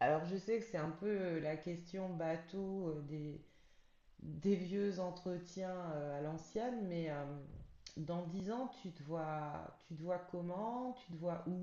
Alors je sais que c'est un peu la question bateau des vieux entretiens à l'ancienne, mais dans 10 ans, tu te vois comment, tu te vois où?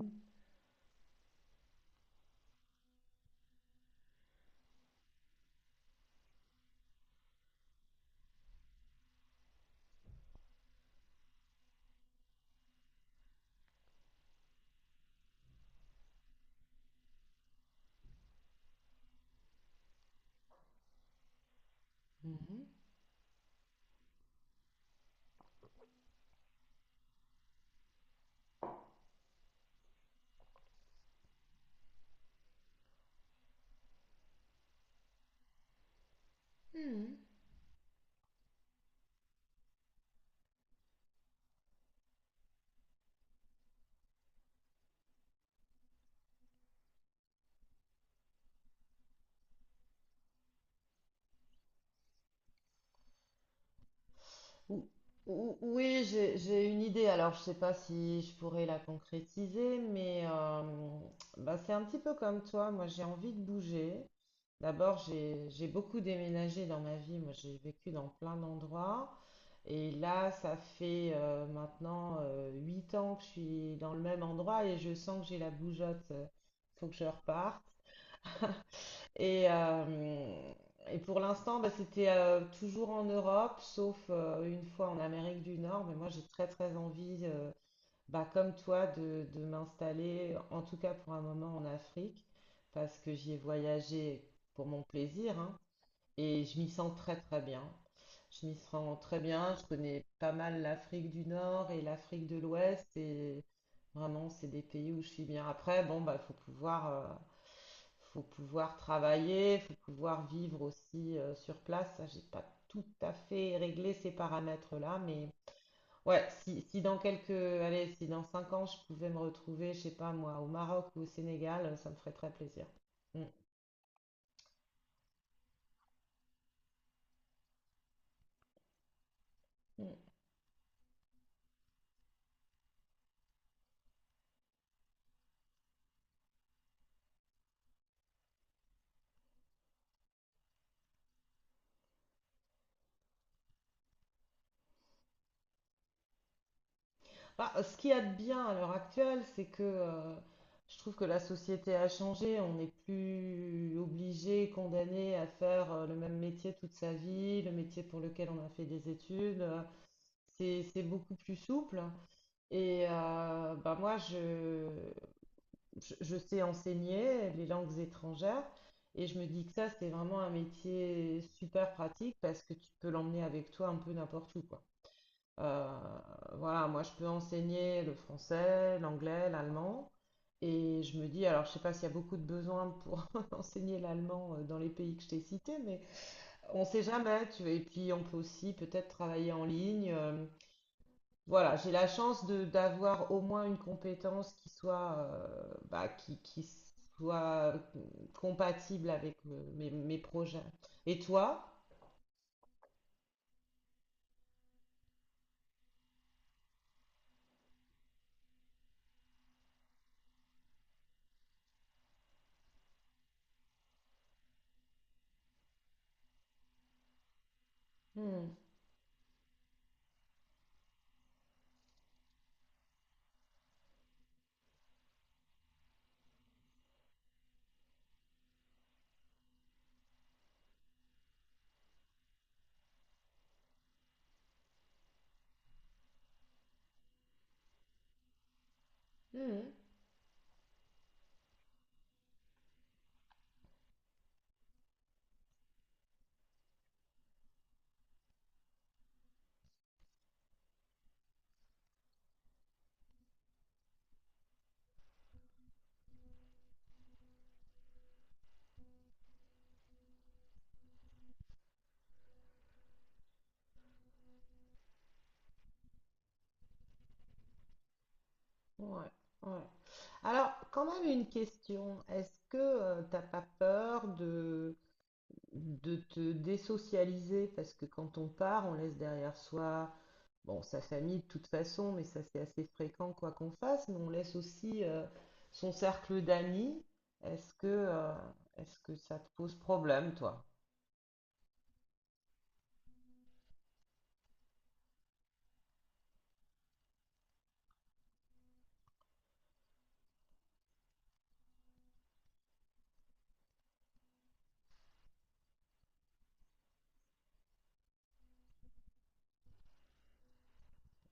Mhm. Mhm. Ou- Oui, j'ai une idée. Alors, je sais pas si je pourrais la concrétiser, mais bah, c'est un petit peu comme toi. Moi, j'ai envie de bouger. D'abord, j'ai beaucoup déménagé dans ma vie. Moi, j'ai vécu dans plein d'endroits. Et là, ça fait maintenant 8 ans que je suis dans le même endroit et je sens que j'ai la bougeotte. Il faut que je reparte. Et, euh, et pour l'instant, bah, c'était toujours en Europe, sauf une fois en Amérique du Nord. Mais moi, j'ai très très envie, bah, comme toi, de m'installer, en tout cas pour un moment, en Afrique, parce que j'y ai voyagé pour mon plaisir, hein, et je m'y sens très très bien. Je m'y sens très bien. Je connais pas mal l'Afrique du Nord et l'Afrique de l'Ouest. Et vraiment, c'est des pays où je suis bien. Après, bon, bah, faut pouvoir travailler, faut pouvoir vivre aussi sur place. Ça, j'ai pas tout à fait réglé ces paramètres-là, mais ouais, si dans quelques, allez, si dans 5 ans, je pouvais me retrouver, je sais pas moi, au Maroc ou au Sénégal, ça me ferait très plaisir. Mm. Bah, ce qu'il y a de bien à l'heure actuelle, c'est que je trouve que la société a changé. On n'est plus obligé, condamné à faire le même métier toute sa vie, le métier pour lequel on a fait des études. C'est beaucoup plus souple. Et bah, moi, je sais enseigner les langues étrangères. Et je me dis que ça, c'est vraiment un métier super pratique parce que tu peux l'emmener avec toi un peu n'importe où, quoi. Euh, voilà, moi je peux enseigner le français, l'anglais, l'allemand. Et je me dis, alors je sais pas s'il y a beaucoup de besoins pour enseigner l'allemand dans les pays que je t'ai cités, mais on sait jamais, tu vois. Et puis on peut aussi peut-être travailler en ligne. Voilà, j'ai la chance de d'avoir au moins une compétence qui soit compatible avec mes projets. Et toi? Hmm. Hmm. Ouais, ouais. Alors, quand même une question. Est-ce que tu t'as pas peur de te désocialiser? Parce que quand on part, on laisse derrière soi, bon, sa famille de toute façon, mais ça c'est assez fréquent quoi qu'on fasse, mais on laisse aussi son cercle d'amis. Est-ce que, euh, est-ce que ça te pose problème, toi?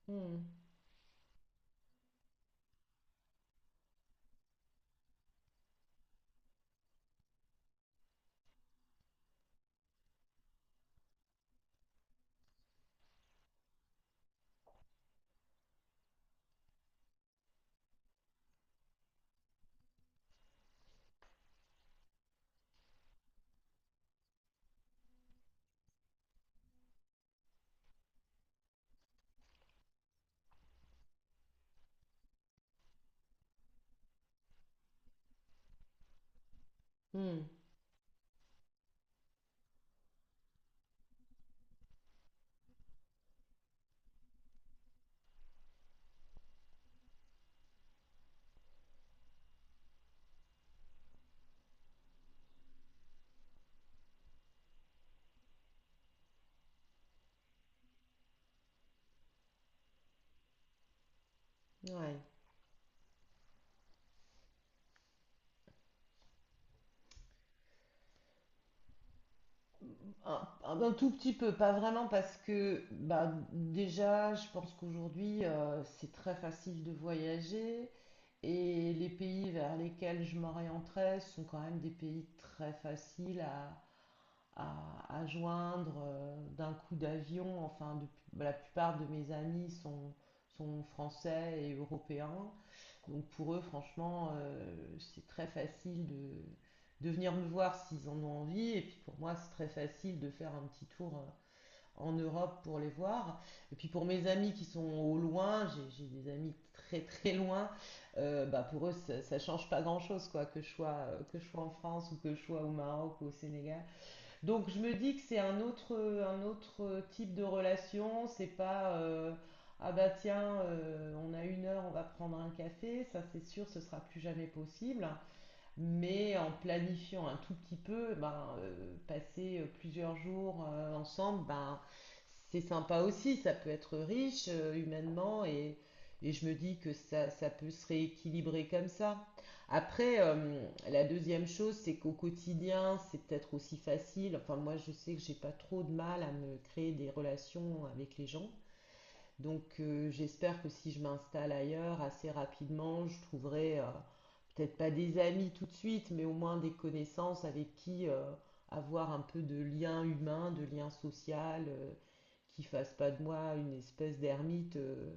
Hmm, hmm, ouais. Un tout petit peu, pas vraiment parce que bah, déjà, je pense qu'aujourd'hui, c'est très facile de voyager et les pays vers lesquels je m'orienterais sont quand même des pays très faciles à, joindre d'un coup d'avion. Enfin, la plupart de mes amis sont français et européens. Donc pour eux, franchement, c'est très facile de venir me voir s'ils en ont envie. Et puis pour moi, c'est très facile de faire un petit tour en Europe pour les voir. Et puis pour mes amis qui sont au loin, j'ai des amis très très loin, bah pour eux, ça change pas grand-chose, quoi, que je sois en France ou que je sois au Maroc ou au Sénégal. Donc je me dis que c'est un autre type de relation, c'est pas ah bah tiens, on a une heure, on va prendre un café, ça c'est sûr, ce sera plus jamais possible. Mais en planifiant un tout petit peu, ben, passer plusieurs jours ensemble, ben, c'est sympa aussi, ça peut être riche humainement et je me dis que ça peut se rééquilibrer comme ça. Après, la deuxième chose, c'est qu'au quotidien, c'est peut-être aussi facile. Enfin, moi, je sais que j'ai pas trop de mal à me créer des relations avec les gens. Donc, j'espère que si je m'installe ailleurs, assez rapidement, je trouverai peut-être pas des amis tout de suite, mais au moins des connaissances avec qui avoir un peu de lien humain, de lien social, qui fasse pas de moi une espèce d'ermite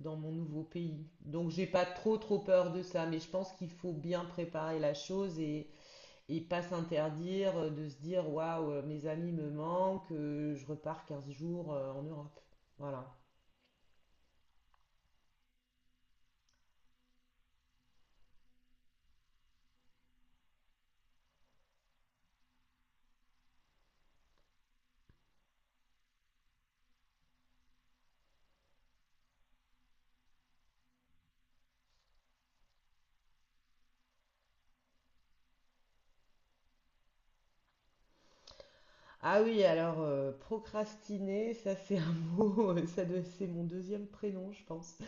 dans mon nouveau pays. Donc j'ai pas trop trop peur de ça, mais je pense qu'il faut bien préparer la chose et pas s'interdire de se dire waouh, mes amis me manquent, je repars 15 jours en Europe. Voilà. Ah oui, alors procrastiner, ça c'est un mot, c'est mon deuxième prénom, je pense.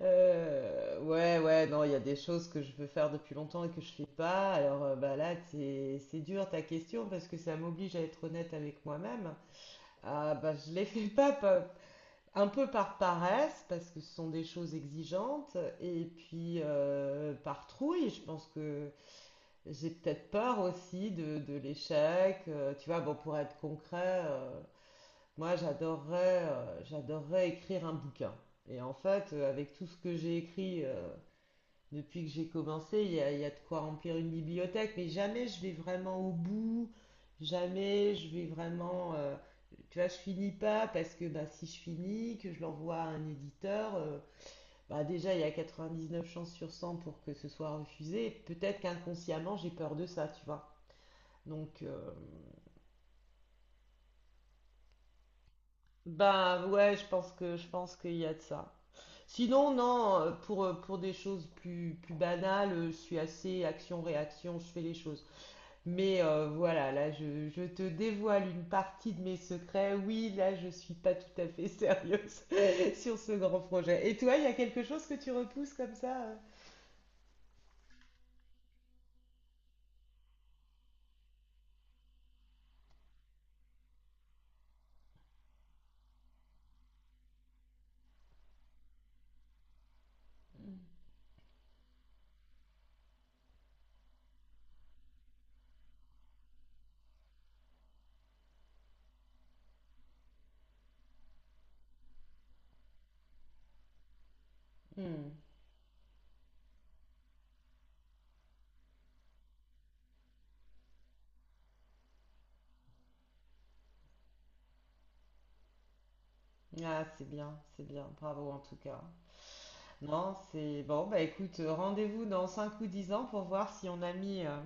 Ouais, ouais, non, il y a des choses que je veux faire depuis longtemps et que je fais pas. Alors bah là, c'est dur ta question parce que ça m'oblige à être honnête avec moi-même. Ah bah je les fais pas, un peu par paresse parce que ce sont des choses exigeantes et puis par trouille. Je pense que j'ai peut-être peur aussi de l'échec. Tu vois, bon, pour être concret, moi j'adorerais écrire un bouquin. Et en fait, avec tout ce que j'ai écrit depuis que j'ai commencé, il y a de quoi remplir une bibliothèque, mais jamais je vais vraiment au bout, jamais je vais vraiment... tu vois, je finis pas parce que bah, si je finis, que je l'envoie à un éditeur, bah, déjà il y a 99 chances sur 100 pour que ce soit refusé. Peut-être qu'inconsciemment j'ai peur de ça, tu vois. Donc, ben ouais, je pense qu'il y a de ça. Sinon, non, pour des choses plus banales, je suis assez action-réaction, je fais les choses. Mais voilà, là, je te dévoile une partie de mes secrets. Oui, là, je suis pas tout à fait sérieuse sur ce grand projet. Et toi, il y a quelque chose que tu repousses comme ça? Hmm. Ah, c'est bien, c'est bien. Bravo en tout cas. Non, c'est bon, bah écoute, rendez-vous dans 5 ou 10 ans pour voir si on a mis,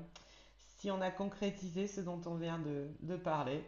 si on a concrétisé ce dont on vient de parler.